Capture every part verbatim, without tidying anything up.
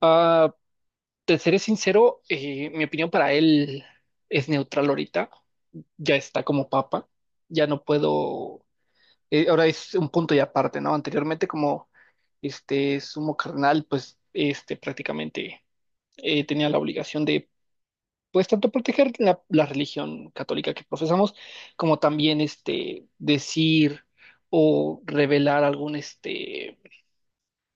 Ah, te seré sincero, eh, mi opinión para él es neutral ahorita. Ya está como papa. Ya no puedo. Eh, ahora es un punto y aparte, ¿no? Anteriormente, como este sumo cardenal, pues este prácticamente eh, tenía la obligación de, pues, tanto proteger la, la religión católica que profesamos, como también este decir o revelar algún este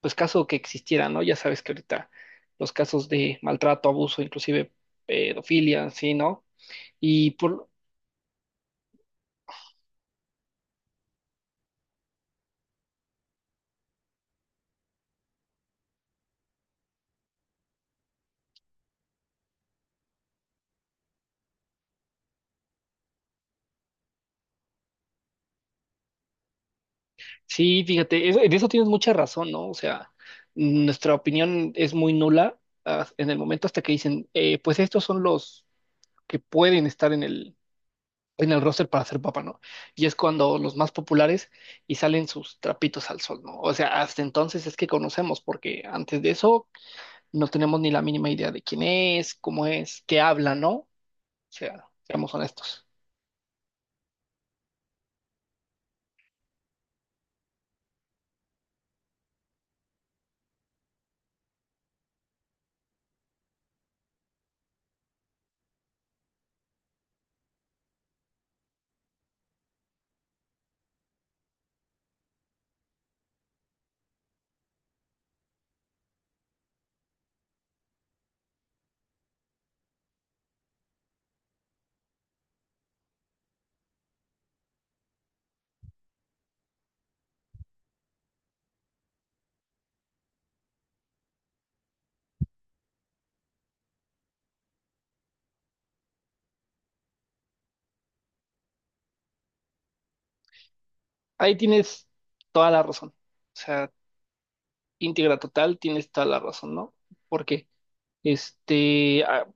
pues caso que existiera, ¿no? Ya sabes que ahorita los casos de maltrato, abuso, inclusive pedofilia, sí, ¿no? Y por, sí, fíjate, eso- en eso tienes mucha razón, ¿no? O sea, nuestra opinión es muy nula ah, en el momento hasta que dicen, eh, pues estos son los que pueden estar en el, en el roster para ser papá, ¿no? Y es cuando los más populares y salen sus trapitos al sol, ¿no? O sea, hasta entonces es que conocemos, porque antes de eso no tenemos ni la mínima idea de quién es, cómo es, qué habla, ¿no? Sea, seamos honestos. Ahí tienes toda la razón. O sea, íntegra total, tienes toda la razón, ¿no? Porque, este, ah,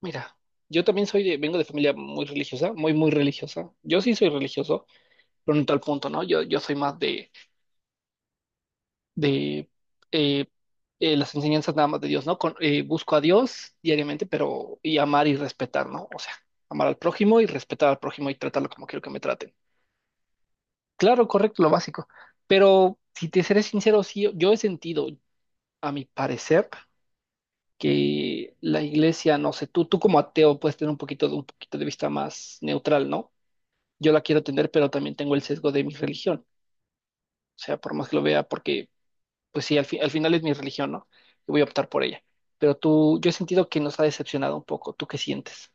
mira, yo también soy de, vengo de familia muy religiosa, muy, muy religiosa. Yo sí soy religioso, pero no en tal punto, ¿no? Yo, yo soy más de, de eh, eh, las enseñanzas nada más de Dios, ¿no? Con- eh, busco a Dios diariamente, pero y amar y respetar, ¿no? O sea, amar al prójimo y respetar al prójimo y tratarlo como quiero que me traten. Claro, correcto, lo básico. Pero si te seré sincero, sí, yo he sentido, a mi parecer, que la iglesia, no sé, tú, tú como ateo puedes tener un poquito de un poquito de vista más neutral, ¿no? Yo la quiero tener, pero también tengo el sesgo de mi religión. O sea, por más que lo vea, porque, pues sí, al fi- al final es mi religión, ¿no? Y voy a optar por ella. Pero tú, yo he sentido que nos ha decepcionado un poco. ¿Tú qué sientes?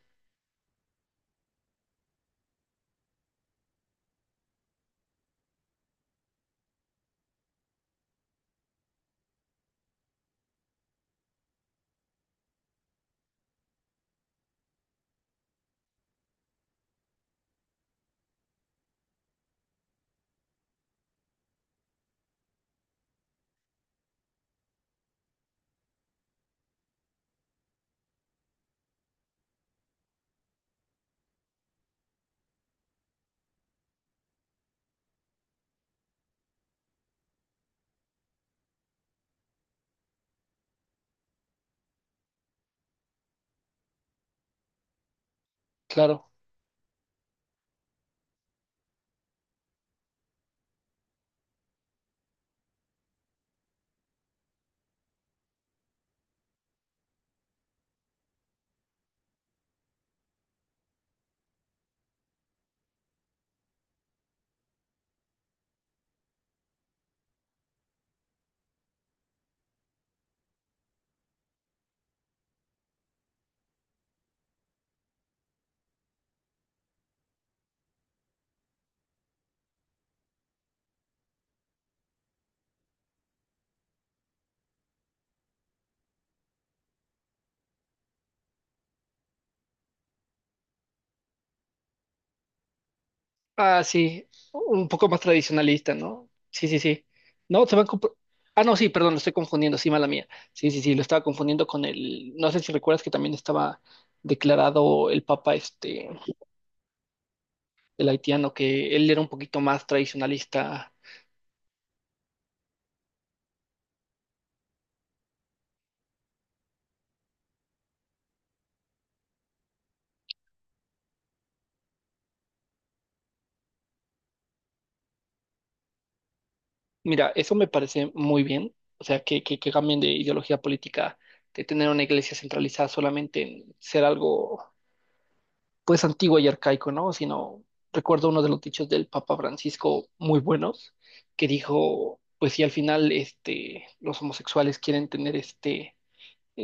Claro. Ah, sí, un poco más tradicionalista, ¿no? Sí, sí, sí. No, se van con... Ah, no, sí, perdón, lo estoy confundiendo, sí, mala mía. Sí, sí, sí, lo estaba confundiendo con el... No sé si recuerdas que también estaba declarado el papa, este, el haitiano, que él era un poquito más tradicionalista. Mira, eso me parece muy bien, o sea, que, que, que cambien de ideología política, de tener una iglesia centralizada solamente en ser algo pues antiguo y arcaico, ¿no? Sino recuerdo uno de los dichos del Papa Francisco muy buenos, que dijo, pues si al final este, los homosexuales quieren tener este,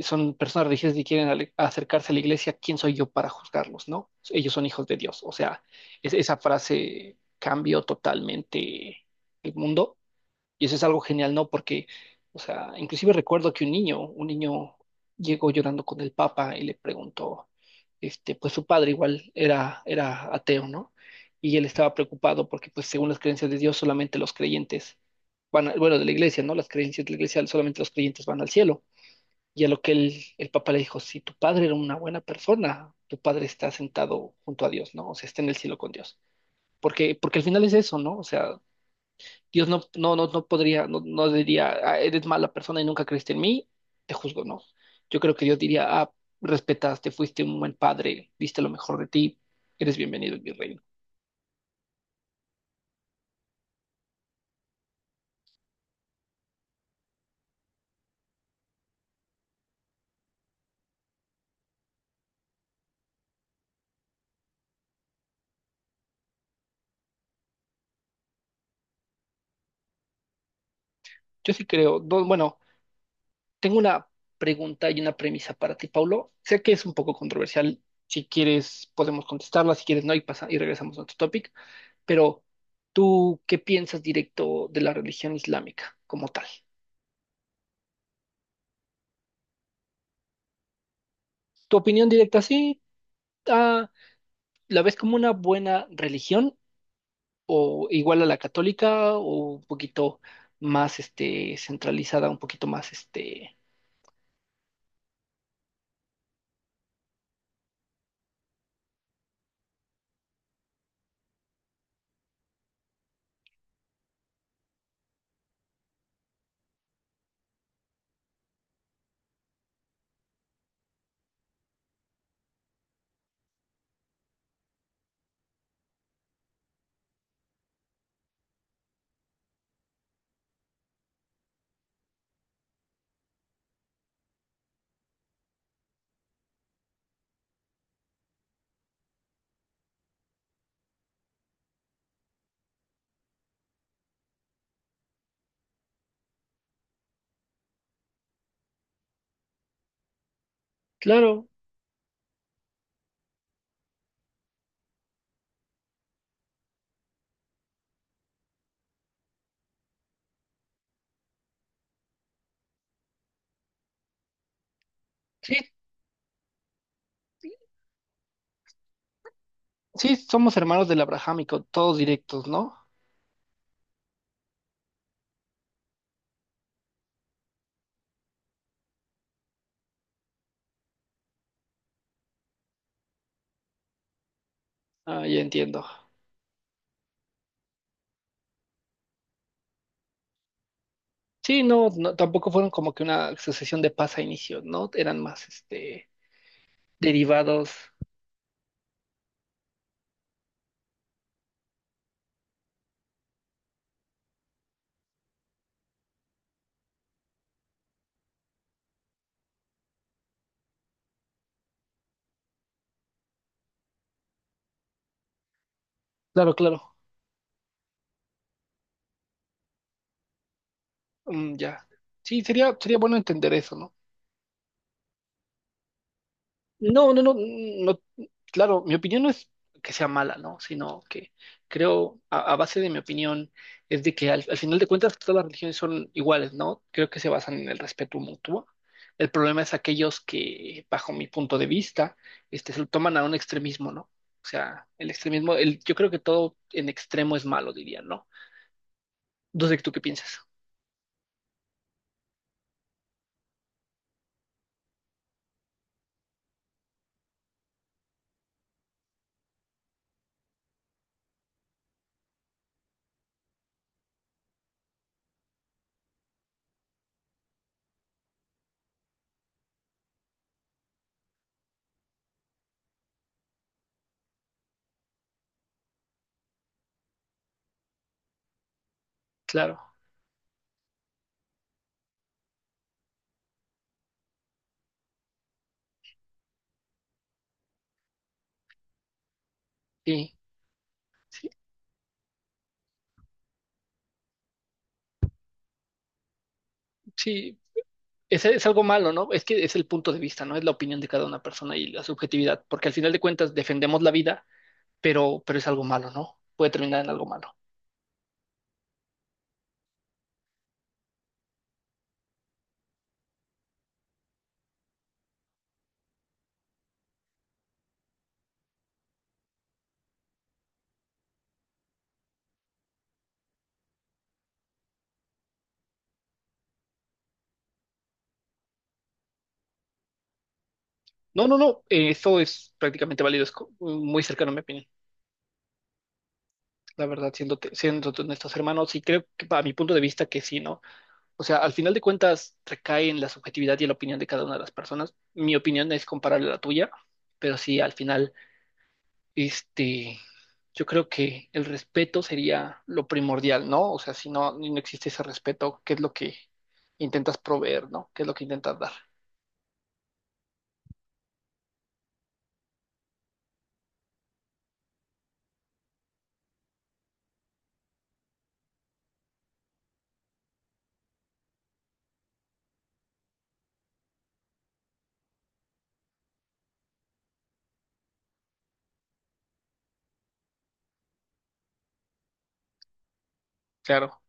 son personas religiosas y quieren ale- acercarse a la iglesia, ¿quién soy yo para juzgarlos, no? Ellos son hijos de Dios. O sea, es- esa frase cambió totalmente el mundo y eso es algo genial, ¿no? Porque, o sea, inclusive recuerdo que un niño, un niño llegó llorando con el Papa y le preguntó, este, pues su padre igual era, era ateo, ¿no? Y él estaba preocupado porque, pues, según las creencias de Dios, solamente los creyentes van, a- bueno, de la iglesia, ¿no? Las creencias de la iglesia, solamente los creyentes van al cielo. Y a lo que el, el Papa le dijo, si tu padre era una buena persona, tu padre está sentado junto a Dios, ¿no? O sea, está en el cielo con Dios. Porque, porque al final es eso, ¿no? O sea, Dios no, no, no, no podría, no, no diría, "Ah, eres mala persona y nunca creíste en mí, te juzgo, no. Yo creo que Dios diría, ah, respetaste, fuiste un buen padre, diste lo mejor de ti, eres bienvenido en mi reino. Yo sí creo, no, bueno, tengo una pregunta y una premisa para ti, Paulo. Sé que es un poco controversial, si quieres podemos contestarla, si quieres no, y, pasa, y regresamos a otro topic, pero ¿tú qué piensas directo de la religión islámica como tal? ¿Tu opinión directa sí? ah, ¿La ves como una buena religión o igual a la católica o un poquito más este centralizada, un poquito más este, claro, sí, sí, somos hermanos del abrahámico, todos directos, ¿no? Ah, ya entiendo. Sí, no, no, tampoco fueron como que una sucesión de paz a inicio, ¿no? Eran más este derivados. Claro, claro. Mm, ya. Sí, sería sería bueno entender eso, ¿no? No, no, no, no, claro, mi opinión no es que sea mala, ¿no? Sino que creo, a, a base de mi opinión, es de que al, al final de cuentas todas las religiones son iguales, ¿no? Creo que se basan en el respeto mutuo. El problema es aquellos que, bajo mi punto de vista, este, se lo toman a un extremismo, ¿no? O sea, el extremismo, el, yo creo que todo en extremo es malo, diría, ¿no? No sé tú qué piensas. Claro, sí, sí, sí. Ese es algo malo, ¿no? Es que es el punto de vista, ¿no? Es la opinión de cada una persona y la subjetividad, porque al final de cuentas defendemos la vida, pero, pero es algo malo, ¿no? Puede terminar en algo malo. No, no, no, eh, eso es prácticamente válido, es co- muy cercano a mi opinión, la verdad, siéndote, siéndote honestos, hermanos, y creo que para mi punto de vista que sí, ¿no? O sea, al final de cuentas recae en la subjetividad y en la opinión de cada una de las personas. Mi opinión es comparable a la tuya, pero sí, al final este, yo creo que el respeto sería lo primordial, ¿no? O sea, si no, no existe ese respeto, ¿qué es lo que intentas proveer, ¿no? ¿Qué es lo que intentas dar? Claro.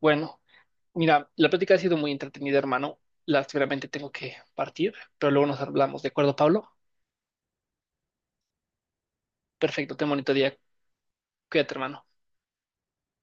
Bueno, mira, la plática ha sido muy entretenida, hermano. Seguramente tengo que partir, pero luego nos hablamos, ¿de acuerdo, Pablo? Perfecto, ten bonito día. Cuídate, hermano.